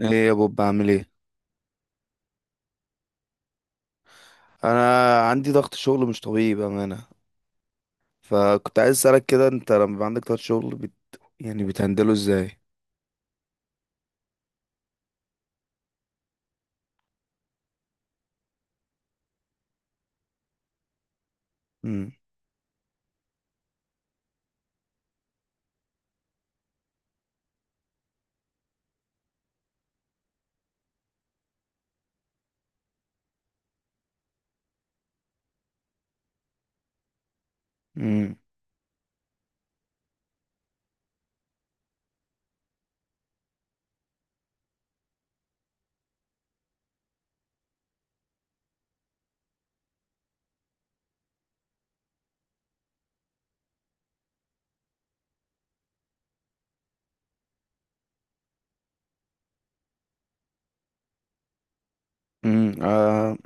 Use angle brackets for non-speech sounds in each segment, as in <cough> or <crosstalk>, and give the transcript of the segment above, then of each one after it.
ايه يا بوب عامل ايه؟ انا عندي ضغط شغل مش طبيعي بامانه. فكنت عايز اسالك كده، انت لما بيبقى عندك ضغط شغل يعني بتهندله ازاي؟ امم امم امم آه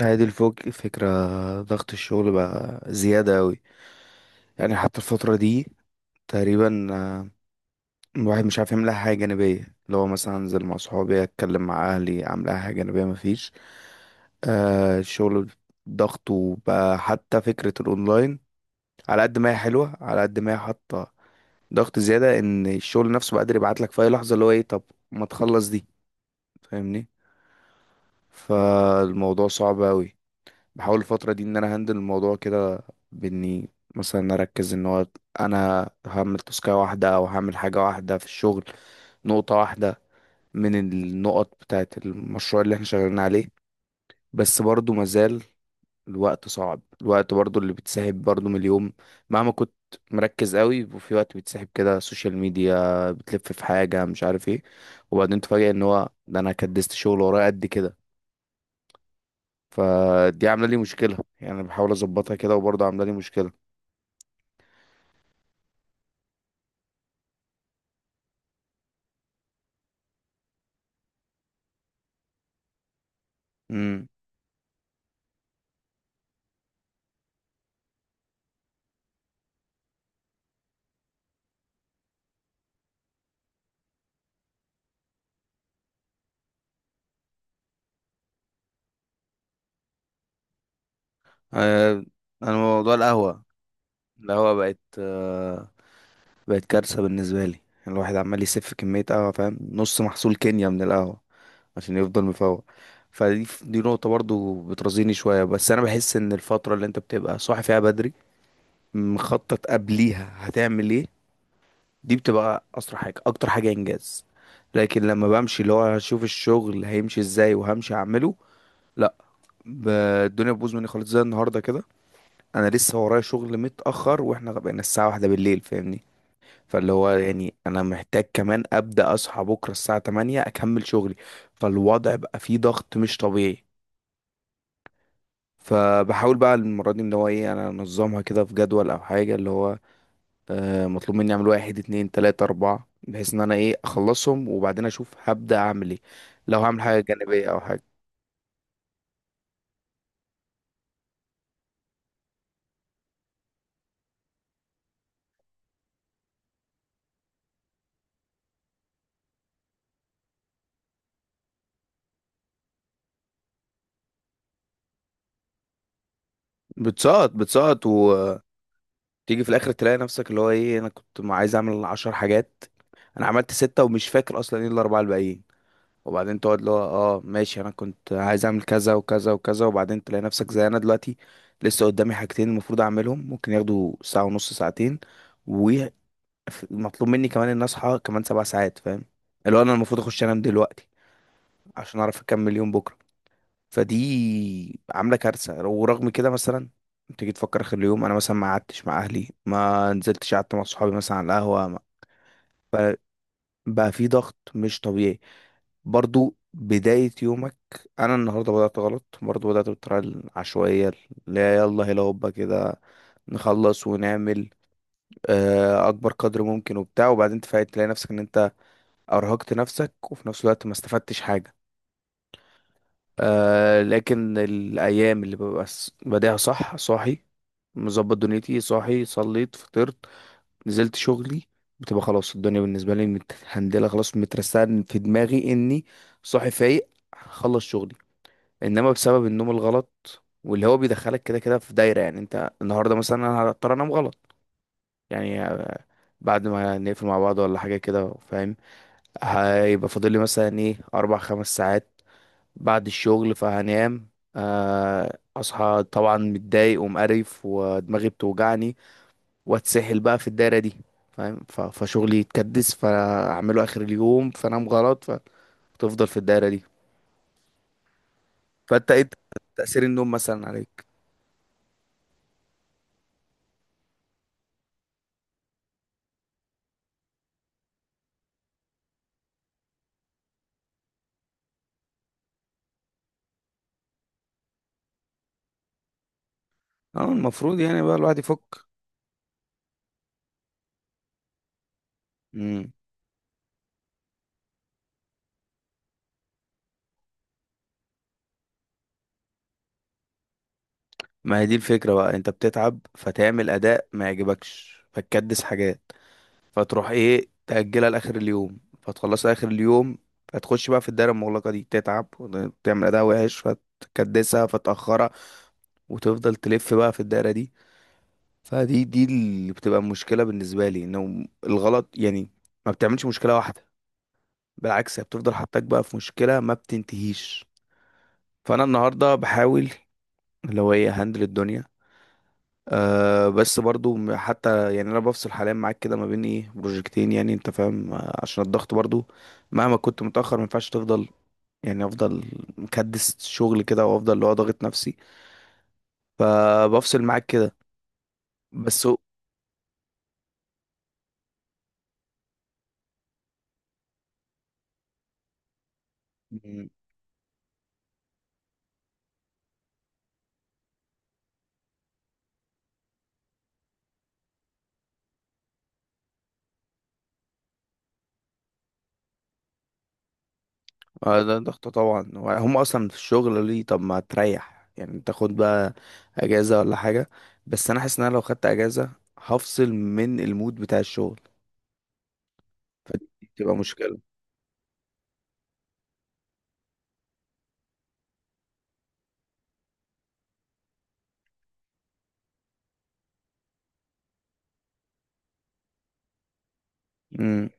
هذه الفوق فكره. ضغط الشغل بقى زياده قوي، يعني حتى الفتره دي تقريبا الواحد مش عارف يعمل اي حاجه جانبيه، اللي هو مثلا انزل مع صحابي، اتكلم مع اهلي، اعمل اي حاجه جانبيه مفيش. الشغل ضغطه بقى، حتى فكره الاونلاين، على قد ما هي حلوه على قد ما هي حاطه ضغط زياده، ان الشغل نفسه بقدر يبعت لك في اي لحظه اللي هو ايه. طب ما تخلص دي؟ فاهمني. فالموضوع صعب قوي. بحاول الفتره دي ان انا هندل الموضوع كده، باني مثلا اركز ان هو انا هعمل تسكاية واحده او هعمل حاجه واحده في الشغل، نقطه واحده من النقط بتاعت المشروع اللي احنا شغالين عليه. بس برضو مازال الوقت صعب، الوقت برضو اللي بتسحب برضو من اليوم، مهما كنت مركز قوي، وفي وقت بتسحب كده سوشيال ميديا، بتلف في حاجة مش عارف ايه، وبعدين تفاجئ ان هو ده انا كدست شغل ورايا قد كده. فدي عاملة لي مشكلة يعني. أنا بحاول اظبطها كده وبرضو عاملة لي مشكلة. امم آه، انا موضوع القهوة، القهوة بقت بقت كارثة بالنسبة لي. الواحد عمال يسف كمية قهوة، فاهم، نص محصول كينيا من القهوة عشان يفضل مفوق. فدي نقطة برضو بترزيني شوية. بس أنا بحس إن الفترة اللي أنت بتبقى صاحي فيها بدري، مخطط قبليها هتعمل إيه، دي بتبقى أسرع حاجة، أكتر حاجة إنجاز. لكن لما بمشي اللي هو هشوف الشغل هيمشي إزاي وهمشي أعمله، لأ، ب- الدنيا بتبوظ مني خالص زي النهاردة كده. أنا لسه ورايا شغل متأخر وإحنا بقينا الساعة واحدة بالليل، فاهمني. فاللي هو يعني أنا محتاج كمان أبدأ أصحى بكرة الساعة 8 أكمل شغلي. فالوضع بقى فيه ضغط مش طبيعي. فبحاول بقى المرة دي ان هو ايه، انا انظمها كده في جدول او حاجة، اللي هو مطلوب مني اعمل واحد اتنين تلاتة اربعة، بحيث ان انا ايه اخلصهم، وبعدين اشوف هبدأ اعمل ايه، لو هعمل حاجة جانبية او حاجة. بتسقط بتسقط وتيجي في الاخر تلاقي نفسك اللي هو ايه، انا كنت ما عايز اعمل عشر حاجات، انا عملت ستة ومش فاكر اصلا ايه الاربعة الباقيين. وبعدين تقعد اللي هو اه ماشي، انا كنت عايز اعمل كذا وكذا وكذا، وبعدين تلاقي نفسك زي انا دلوقتي، لسه قدامي حاجتين المفروض اعملهم، ممكن ياخدوا ساعة ونص ساعتين، ومطلوب مني كمان ان اصحى كمان سبع ساعات، فاهم؟ اللي هو انا المفروض اخش انام دلوقتي عشان اعرف اكمل يوم بكرة. فدي عاملة كارثة. ورغم كده مثلا تيجي تفكر اخر اليوم، انا مثلا ما قعدتش مع اهلي، ما نزلتش قعدت مع صحابي مثلا على القهوة. بقى في ضغط مش طبيعي. برضو بداية يومك، أنا النهاردة بدأت غلط، برضو بدأت بالطريقة العشوائية اللي هي يلا هلا هوبا كده، نخلص ونعمل أكبر قدر ممكن وبتاع، وبعدين تفاجئ تلاقي نفسك إن أنت أرهقت نفسك وفي نفس الوقت ما استفدتش حاجة. لكن الأيام اللي ببقى بادئها صح، صاحي، مظبط دنيتي، صاحي صليت فطرت نزلت شغلي، بتبقى خلاص الدنيا بالنسبة لي متهندلة، خلاص مترسان في دماغي اني صاحي فايق هخلص شغلي. انما بسبب النوم الغلط، واللي هو بيدخلك كده كده في دايرة، يعني انت النهاردة مثلا انا هضطر انام غلط يعني بعد ما نقفل مع بعض ولا حاجة كده فاهم، هيبقى فاضل لي مثلا ايه اربع خمس ساعات بعد الشغل فهنام. اصحى طبعا متضايق ومقرف ودماغي بتوجعني، واتسحل بقى في الدايره دي فاهم. فشغلي يتكدس، فاعمله اخر اليوم، فانام غلط، فتفضل في الدايره دي. فانت ايه، تاثير النوم مثلا عليك؟ اه المفروض يعني بقى الواحد يفك. امم ما هي دي الفكره بقى، انت بتتعب فتعمل اداء ما يعجبكش، فتكدس حاجات، فتروح ايه تاجلها لاخر اليوم، فتخلصها اخر اليوم، فتخش بقى في الدايره المغلقه دي، تتعب وتعمل اداء وحش، فتكدسها فتاخرها، وتفضل تلف بقى في الدايره دي. فدي اللي بتبقى مشكلة بالنسبة لي، انه الغلط يعني ما بتعملش مشكلة واحدة، بالعكس هي بتفضل حطاك بقى في مشكلة ما بتنتهيش. فانا النهاردة بحاول اللي هو ايه هندل الدنيا. أه بس برضو حتى يعني انا بفصل حاليا معاك كده ما بين ايه بروجكتين، يعني انت فاهم عشان الضغط برضو، مهما كنت متأخر ما ينفعش تفضل، يعني افضل مكدس شغل كده وافضل اللي هو ضاغط نفسي، فبفصل معاك كده بس. ده ضغط طبعا. هم اصلا في الشغل ليه؟ طب ما تريح يعني، تاخد بقى اجازه ولا حاجه. بس انا حاسس ان انا لو خدت اجازه هفصل من المود بتاع الشغل، دي تبقى مشكله. امم.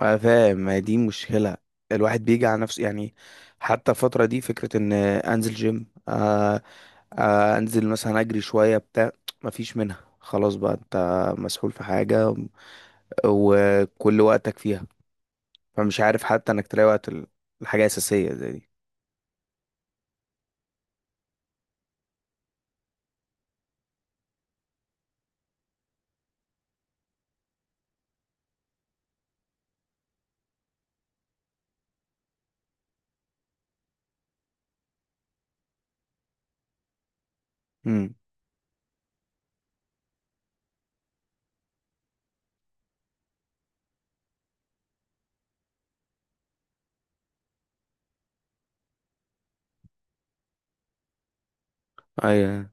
انا فاهم، ما هي دي مشكله، الواحد بيجي على نفسه يعني. حتى الفتره دي فكره ان انزل جيم، آه، آه انزل مثلا اجري شويه بتاع، ما فيش منها خلاص بقى، انت مسحول في حاجه وكل وقتك فيها، فمش عارف حتى انك تلاقي وقت الحاجه اساسيه زي دي. امم. ايوه.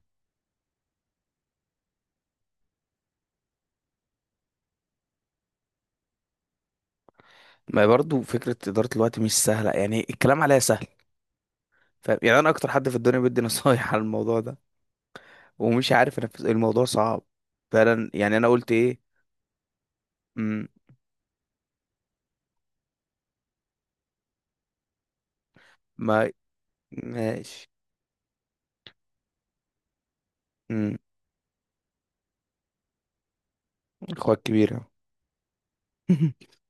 ما برضو فكره اداره الوقت مش سهله يعني، الكلام عليها سهل فاهم، يعني انا اكتر حد في الدنيا بدي نصايح <laughs> على الموضوع ده ومش عارف انفذ، الموضوع صعب فعلا يعني. انا قلت ايه؟ امم. ما ماشي. امم. اخوات كبيره. <laughs>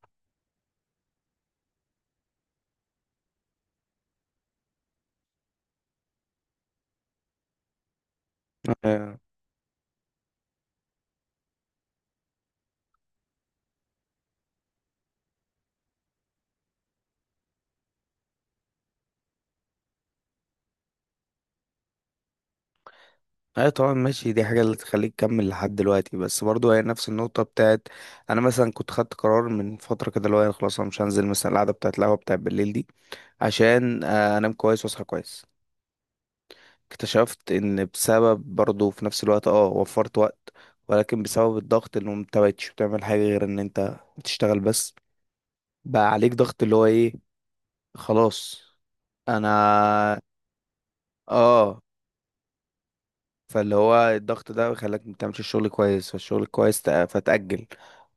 ايوه. أيوة طبعا ماشي، دي حاجه اللي تخليك تكمل لحد دلوقتي. بس برضو هي نفس النقطه بتاعت، انا مثلا كنت خدت قرار من فتره كده اللي هو أنا خلاص، انا مش هنزل مثلا القعده بتاعت القهوه بتاعت بالليل دي عشان انام كويس واصحى كويس. اكتشفت ان بسبب برضه في نفس الوقت اه وفرت وقت، ولكن بسبب الضغط، انه انت مبقتش بتعمل حاجة غير ان انت بتشتغل بس، بقى عليك ضغط اللي هو ايه. خلاص. انا اه. فاللي هو الضغط ده خلاك ما بتعملش الشغل كويس، فالشغل كويس فتأجل،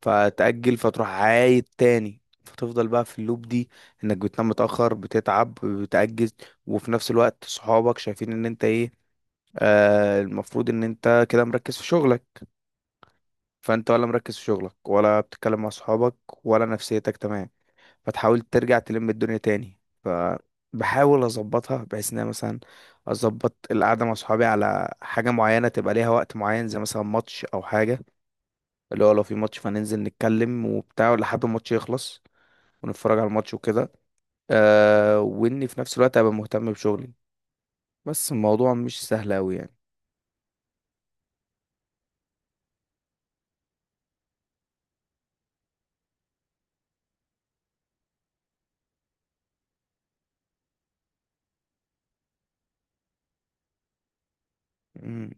فتأجل، فتروح عايد تاني، فتفضل بقى في اللوب دي، انك بتنام متأخر بتتعب بتأجز، وفي نفس الوقت صحابك شايفين ان انت ايه، آه المفروض ان انت كده مركز في شغلك. فانت ولا مركز في شغلك ولا بتتكلم مع صحابك ولا نفسيتك تمام. فتحاول ترجع تلم الدنيا تاني. فبحاول اظبطها بحيث ان انا مثلا اظبط القعده مع صحابي على حاجه معينه تبقى ليها وقت معين، زي مثلا ماتش او حاجه، اللي هو لو في ماتش فننزل نتكلم وبتاع لحد ما الماتش يخلص ونتفرج على الماتش وكده. أه واني في نفس الوقت ابقى مهتم بشغلي، بس الموضوع مش سهل اوي يعني. مم.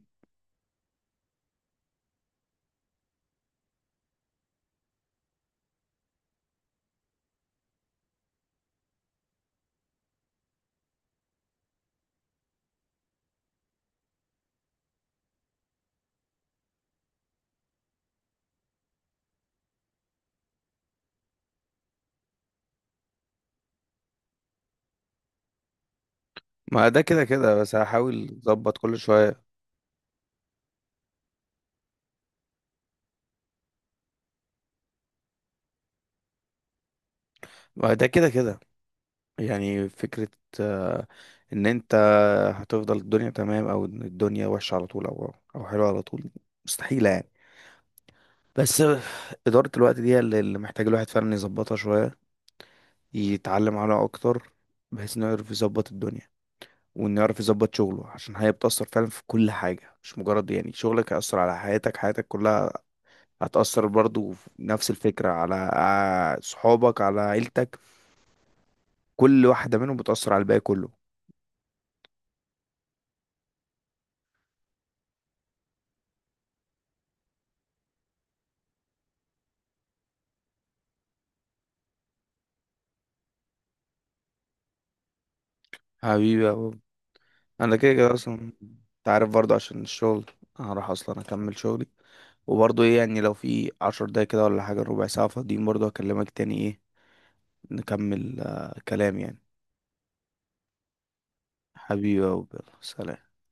ما ده كده كده، بس هحاول اظبط كل شويه. ما ده كده كده يعني. فكرة آه، ان انت هتفضل الدنيا تمام، او إن الدنيا وحشة على طول او حلوة على طول، مستحيلة يعني. بس إدارة الوقت دي اللي محتاج الواحد فعلا يظبطها شوية، يتعلم عليها اكتر، بحيث انه يعرف يظبط الدنيا، وانه يعرف يظبط شغله، عشان هي بتأثر فعلا في كل حاجة، مش مجرد يعني شغلك هيأثر على حياتك، حياتك كلها هتأثر برضو في نفس الفكرة على صحابك على عيلتك، كل واحدة منهم بتأثر على الباقي كله. حبيبي، انا كده كده اصلا، انت عارف برضه عشان الشغل هروح اصلا اكمل شغلي. وبرضه ايه يعني، لو في عشر دقايق كده ولا حاجة ربع ساعة فاضيين، برضه هكلمك تاني ايه، نكمل كلام يعني. حبيبي يا أبو، يلا، سلام.